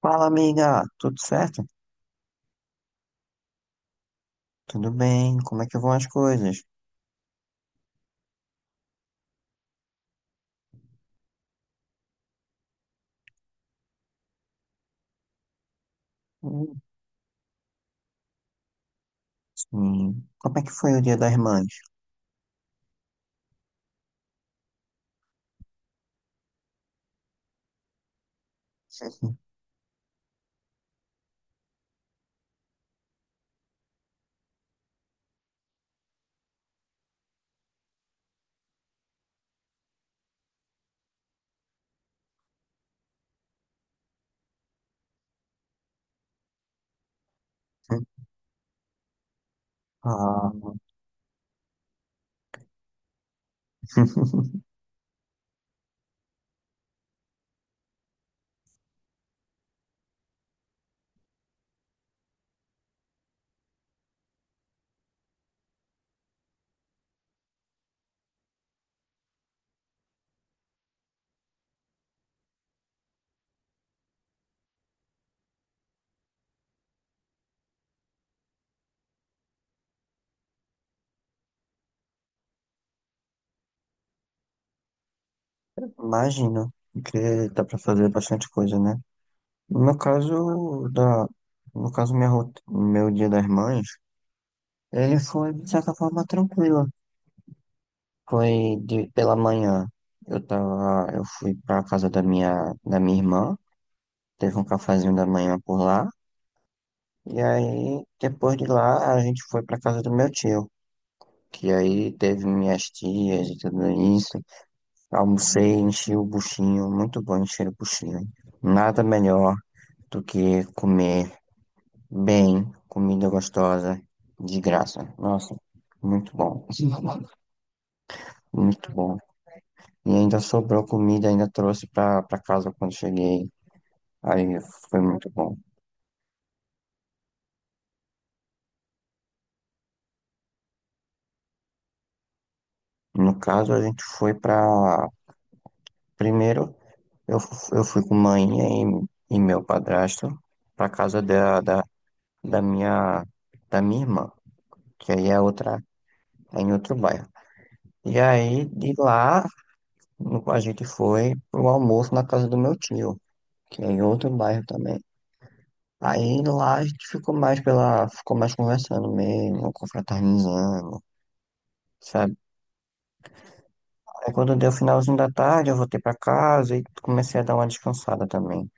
Fala, amiga, tudo certo? Tudo bem? Como é que vão as coisas? Hum, Sim. Como é que foi o Dia das Mães? Ah, imagino que dá pra fazer bastante coisa, né? No caso da, no caso meu Dia das Mães, ele foi de certa forma tranquilo. Foi de pela manhã. Eu fui pra casa da minha irmã, teve um cafezinho da manhã por lá. E aí, depois de lá, a gente foi pra casa do meu tio, que aí teve minhas tias e tudo isso. Almocei, enchi o buchinho, muito bom encher o buchinho. Nada melhor do que comer bem, comida gostosa, de graça. Nossa, muito bom. Muito bom. E ainda sobrou comida, ainda trouxe pra casa quando cheguei. Aí foi muito bom. No caso, a gente foi pra. Primeiro. Eu fui com mãe e meu padrasto pra casa da minha, da minha irmã, que aí é outra, é em outro bairro. E aí, de lá, a gente foi pro almoço na casa do meu tio, que é em outro bairro também. Aí lá a gente ficou ficou mais conversando mesmo, confraternizando, sabe? Aí quando deu o finalzinho da tarde, eu voltei pra casa e comecei a dar uma descansada também.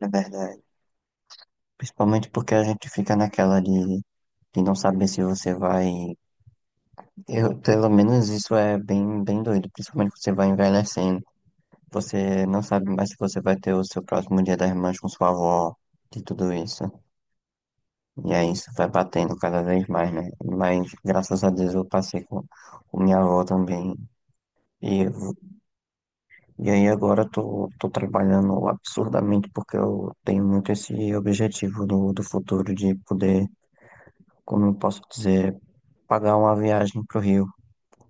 É verdade. Principalmente porque a gente fica de não saber se você vai. Eu, pelo menos isso é bem doido, principalmente que você vai envelhecendo. Você não sabe mais se você vai ter o seu próximo Dia das Mães com sua avó, de tudo isso. E aí isso vai batendo cada vez mais, né? Mas graças a Deus eu passei com minha avó também. E, eu- e aí agora eu tô trabalhando absurdamente porque eu tenho muito esse objetivo do futuro de poder, como eu posso dizer. Pagar uma viagem pro Rio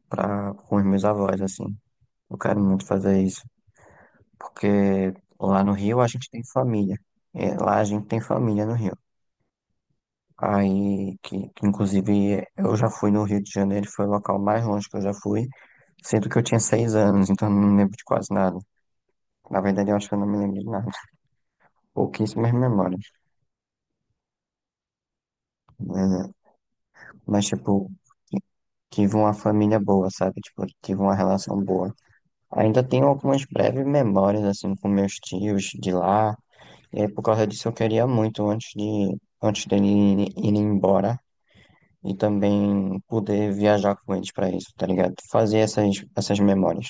para com os meus avós, assim. Eu quero muito fazer isso, porque lá no Rio a gente tem família. É, lá a gente tem família no Rio. Aí, que inclusive eu já fui no Rio de Janeiro, foi o local mais longe que eu já fui, sendo que eu tinha 6 anos, então eu não me lembro de quase nada. Na verdade, eu acho que eu não me lembro de nada. Pouquíssimas memórias, né? Mas, tipo, tive uma família boa, sabe? Tipo, tive uma relação boa. Ainda tenho algumas breves memórias, assim, com meus tios de lá. E aí, por causa disso, eu queria muito, antes dele ir embora, e também poder viajar com eles para isso, tá ligado? Fazer essas memórias.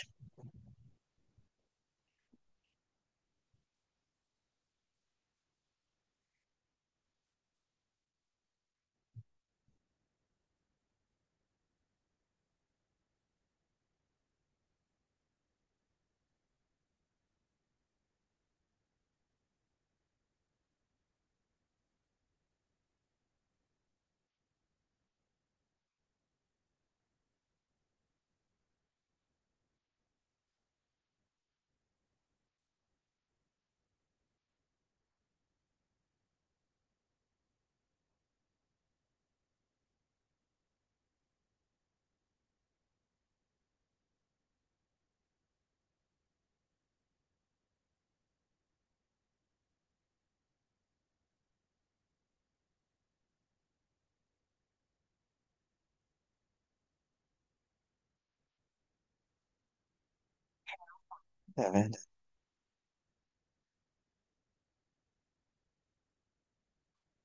É verdade.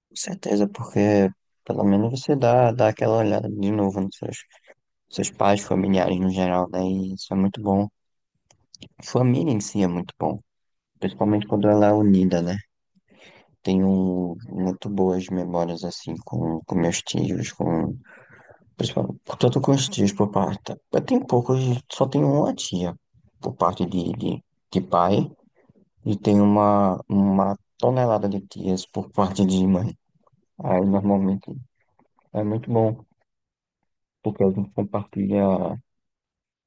Com certeza, porque pelo menos você dá aquela olhada de novo nos seus pais, familiares no geral, né? E isso é muito bom. Família em si é muito bom, principalmente quando ela é unida, né? Tenho um, muito boas memórias assim com meus tios, com, principalmente, tanto com os tios por parte. Eu tenho poucos, só tenho uma tia por parte de pai e tenho uma tonelada de tias por parte de mãe. Aí normalmente é muito bom, porque a gente compartilha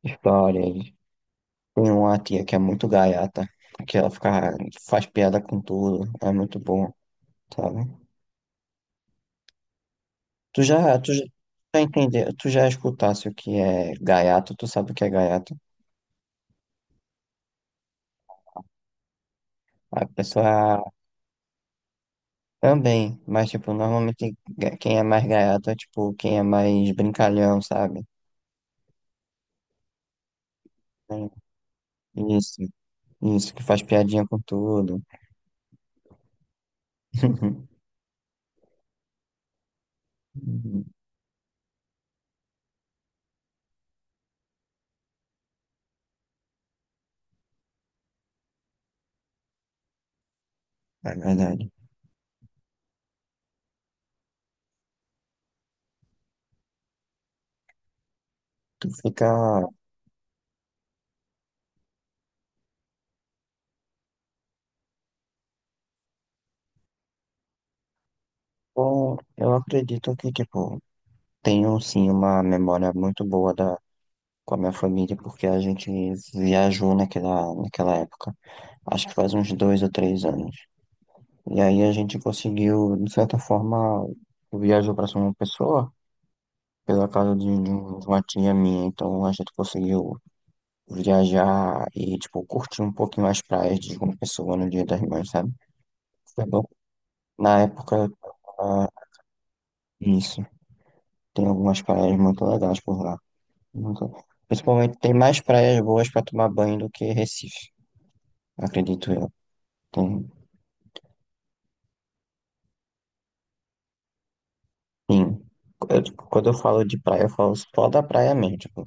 histórias. Tem uma tia que é muito gaiata, que ela fica, faz piada com tudo, é muito bom, sabe? Tu já, tu já, já entende, tu já escutasse o que é gaiato, tu sabe o que é gaiato? A pessoa também, mas tipo, normalmente quem é mais gaiato é tipo quem é mais brincalhão, sabe? Isso, isso, que faz piadinha com tudo. É verdade. Tu fica. Bom, eu acredito que, tipo, tenho sim uma memória muito boa da, com a minha família, porque a gente viajou naquela época. Acho que faz uns 2 ou 3 anos. E aí a gente conseguiu, de certa forma, viajou para São Pessoa, pela casa de uma tia minha. Então a gente conseguiu viajar e, tipo, curtir um pouquinho as praias de João Pessoa no Dia das Mães, sabe? Foi bom. Na época, ah, isso. Tem algumas praias muito legais por lá. Muito- principalmente tem mais praias boas para tomar banho do que Recife, acredito eu. Tem, sim, eu, tipo, quando eu falo de praia, eu falo só da praia mesmo, tipo,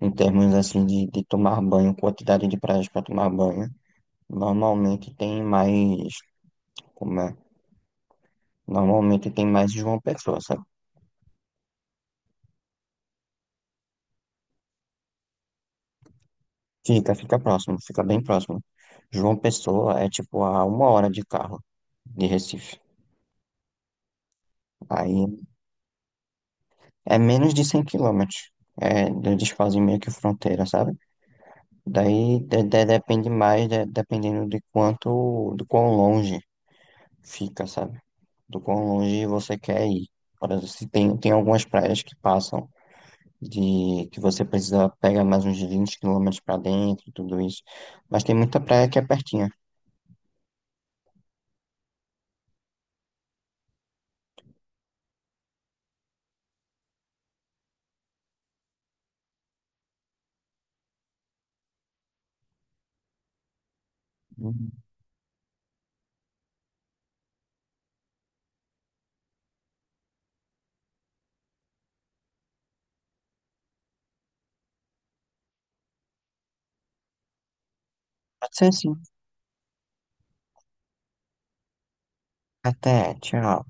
em termos assim de tomar banho, quantidade de praias para tomar banho, normalmente tem mais, como é? Normalmente tem mais João Pessoa, sabe? Fica próximo, fica bem próximo. João Pessoa é tipo a 1 hora de carro de Recife. Aí é menos de 100 km. É, eles fazem meio que fronteira, sabe? Depende mais, dependendo de quanto, de quão longe fica, sabe? Do quão longe você quer ir. Por exemplo, se tem, tem algumas praias que passam de que você precisa pegar mais uns 20 km para dentro, tudo isso. Mas tem muita praia que é pertinha. Uhum. Pode ser sim. Até, tchau.